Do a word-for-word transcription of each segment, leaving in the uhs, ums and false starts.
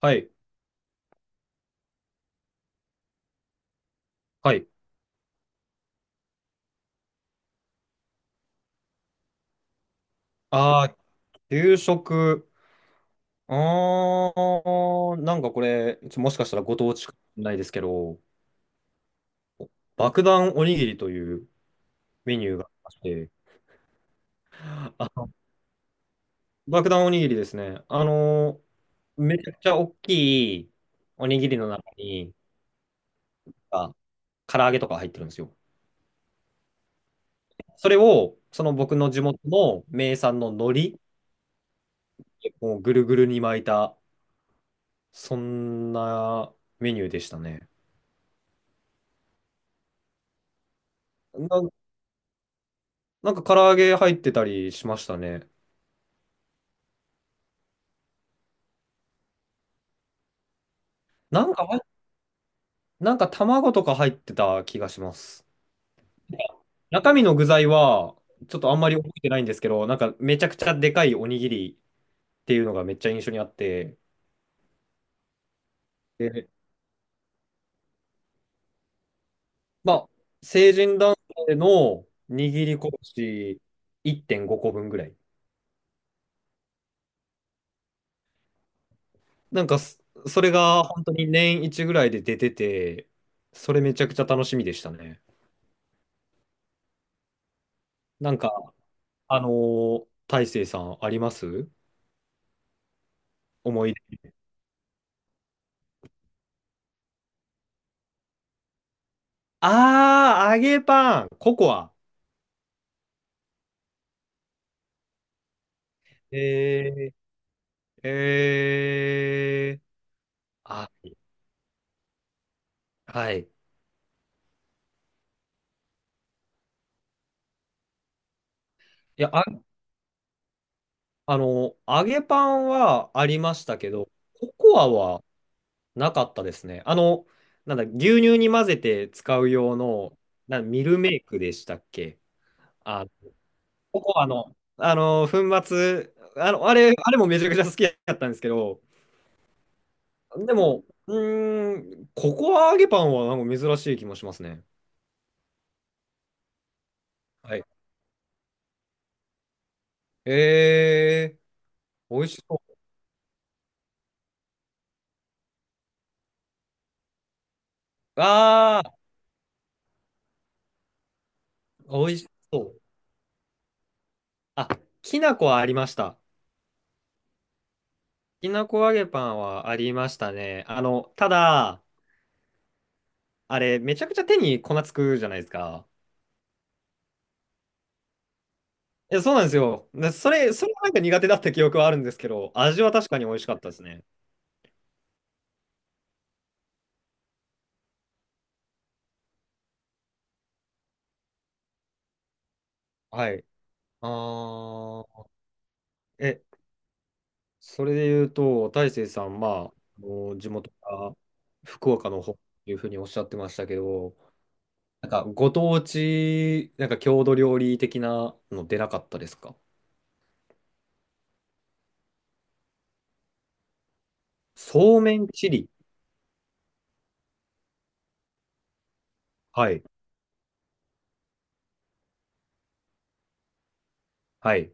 はい。はい。ああ、給食。ああ、なんかこれ、ちょもしかしたらご当地かもしれないですけど、爆弾おにぎりというメニューがありまして、あ、爆弾おにぎりですね。あのー、めちゃくちゃ大きいおにぎりの中に、あ、唐揚げとか入ってるんですよ。それを、その僕の地元の名産の海苔をぐるぐるに巻いた、そんなメニューでしたね。ななんか唐揚げ入ってたりしましたね。なんか入っ、なんか卵とか入ってた気がします。中身の具材は、ちょっとあんまり覚えてないんですけど、なんかめちゃくちゃでかいおにぎりっていうのがめっちゃ印象にあって、で、まあ、成人男性の握り拳いってんごこぶんぐらい。なんかそ、それが本当に年一ぐらいで出てて、それめちゃくちゃ楽しみでしたね。なんか、あのー大成さんあります？思い。ああ、揚げパン、ココア。えー、えー、あ、はい。いや、あ、あの、揚げパンはありましたけど、ココアはなかったですね。あの、なんだ、牛乳に混ぜて使う用の、な、ミルメイクでしたっけ？あ、ココアの、あの、粉末、あの、あれ、あれもめちゃくちゃ好きだったんですけど、でも、うーん、ココア揚げパンはなんか珍しい気もしますね。はい。ええー、美味しそう。ああ、美味しそう。あ、きな粉はありました。きなこ揚げパンはありましたね。あの、ただ、あれ、めちゃくちゃ手に粉つくじゃないですか。いや、そうなんですよ。でそれ、それはなんか苦手だった記憶はあるんですけど、味は確かに美味しかったですね。はい。ああ、え、それで言うと、大成さん、まあ、あの地元が福岡の方っていうふうにおっしゃってましたけど、なんか、ご当地、なんか郷土料理的なの出なかったですか？そうめんチリ。はい。はい。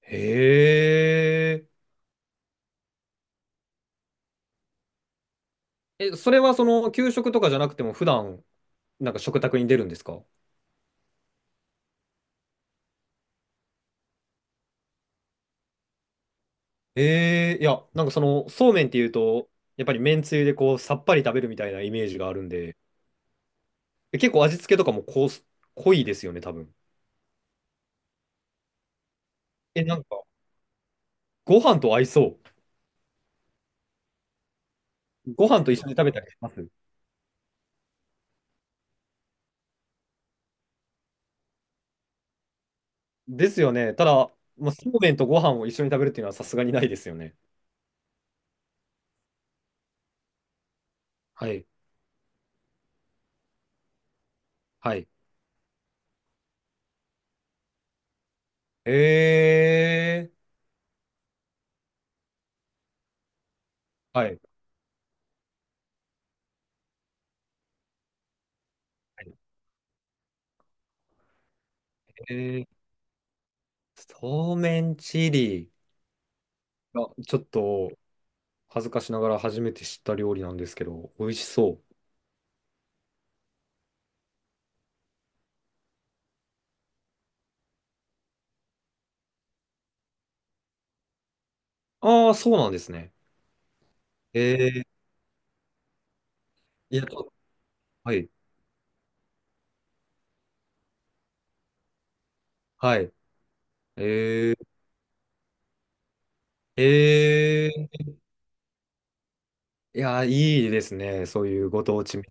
へえ。え、それはその、給食とかじゃなくても、普段、なんか食卓に出るんですか？ええ、いや、なんかその、そうめんっていうと、やっぱりめんつゆでこう、さっぱり食べるみたいなイメージがあるんで、え、結構味付けとかもこう、濃いですよね、多分。え、なんか、ご飯と合いそう。ご飯と一緒に食べたりします？ですよね。ただ、まあ、そうめんとご飯を一緒に食べるっていうのはさすがにないですよね。はい。はい。えー、はい。えー、そうめんチリ。あ、ちょっと恥ずかしながら初めて知った料理なんですけど、美味しそう。ああ、そうなんですね。えー、いや、ちょっと、はい。はい。えー、えー、いや、いいですね。そういうご当地。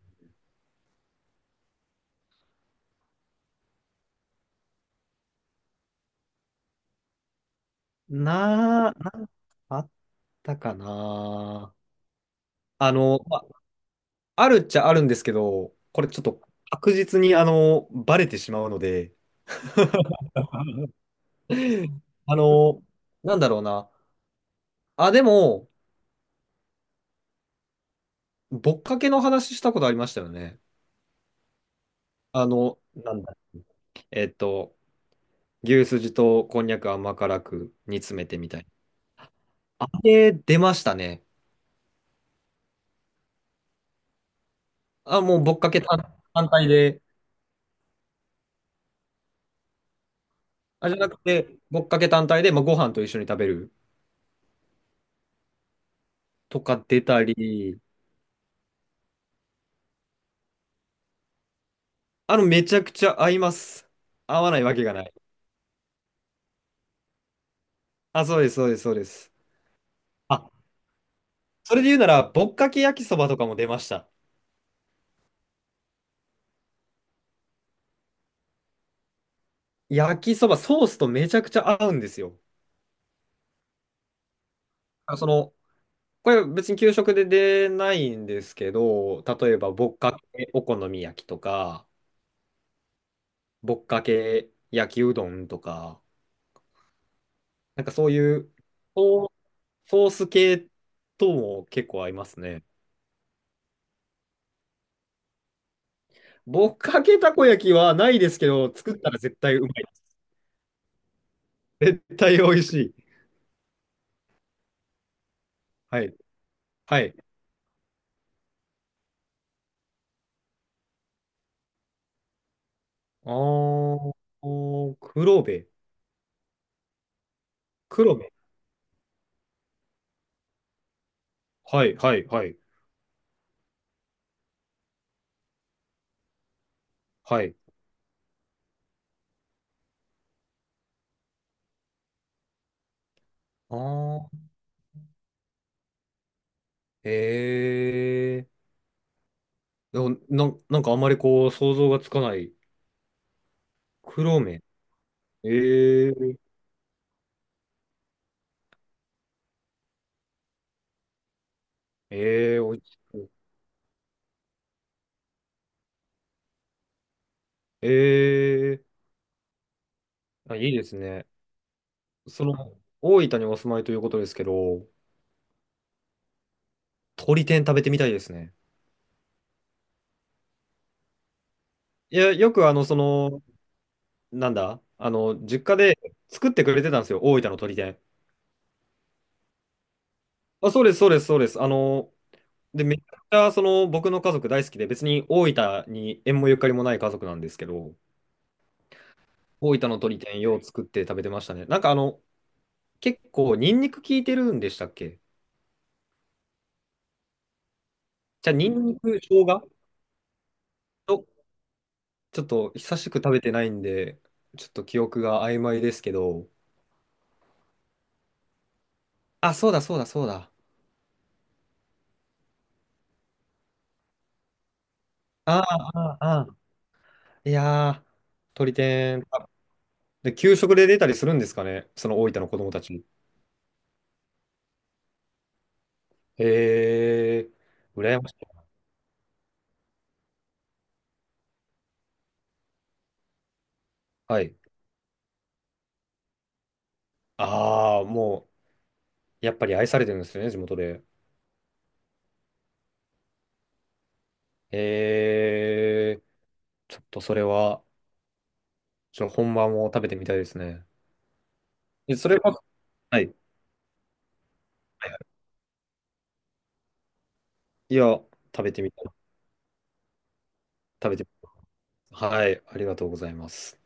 なあ、なんかあったかな。あの、ま、あるっちゃあるんですけど、これちょっと確実にあの、バレてしまうので、あの、なんだろうな。あ、でも、ぼっかけの話したことありましたよね。あの、なんだ、えっと、牛すじとこんにゃく甘辛く煮詰めてみたいな。あれ、出ましたね。あ、もうぼっかけ単、単体で、あ、じゃなくて、ぼっかけ単体で、まあ、ご飯と一緒に食べるとか出たり、あの、めちゃくちゃ合います。合わないわけがない。あ、そうです、そうです、そうです。あ、それで言うなら、ぼっかけ焼きそばとかも出ました。焼きそば、ソースとめちゃくちゃ合うんですよ。あ、その、これ別に給食で出ないんですけど、例えば、ぼっかけお好み焼きとか、ぼっかけ焼きうどんとか、なんかそういう、ソーソース系とも結構合いますね。ぼっかけたこ焼きはないですけど、作ったら絶対うまいです。絶対美味しい。はい。はい。あー、おー黒部。黒部。はい、はい、はい、はい。ああ、ええー、でもなん、なんかあんまりこう、想像がつかない。黒目。ええー。ええー、お味しそう。ええー、あ、いいですね。その、大分にお住まいということですけど、鳥天食べてみたいですね。いや、よくあの、その、なんだ、あの、実家で作ってくれてたんですよ、大分の鳥天。あ、そうです、そうです、そうです。あの、で、めちゃくちゃ、その、僕の家族大好きで、別に大分に縁もゆかりもない家族なんですけど、大分の鶏天よう作って食べてましたね。なんかあの、結構ニンニク効いてるんでしたっけ？じゃあニンニク、生姜と、ちょっと久しく食べてないんで、ちょっと記憶が曖昧ですけど。あ、そうだそうだそうだ。ああ、ああ、ああ。いやー、鶏天。あ、で、給食で出たりするんですかね、その大分の子供たち。へえ、羨ましい。はい。ああ、もう、やっぱり愛されてるんですよね、地元で。へえ、ちょっとそれは。ちょっと本番も食べてみたいですね。え、それは、はい。はいはい、いや、食べてみたい。食べてみたい。はい。ありがとうございます。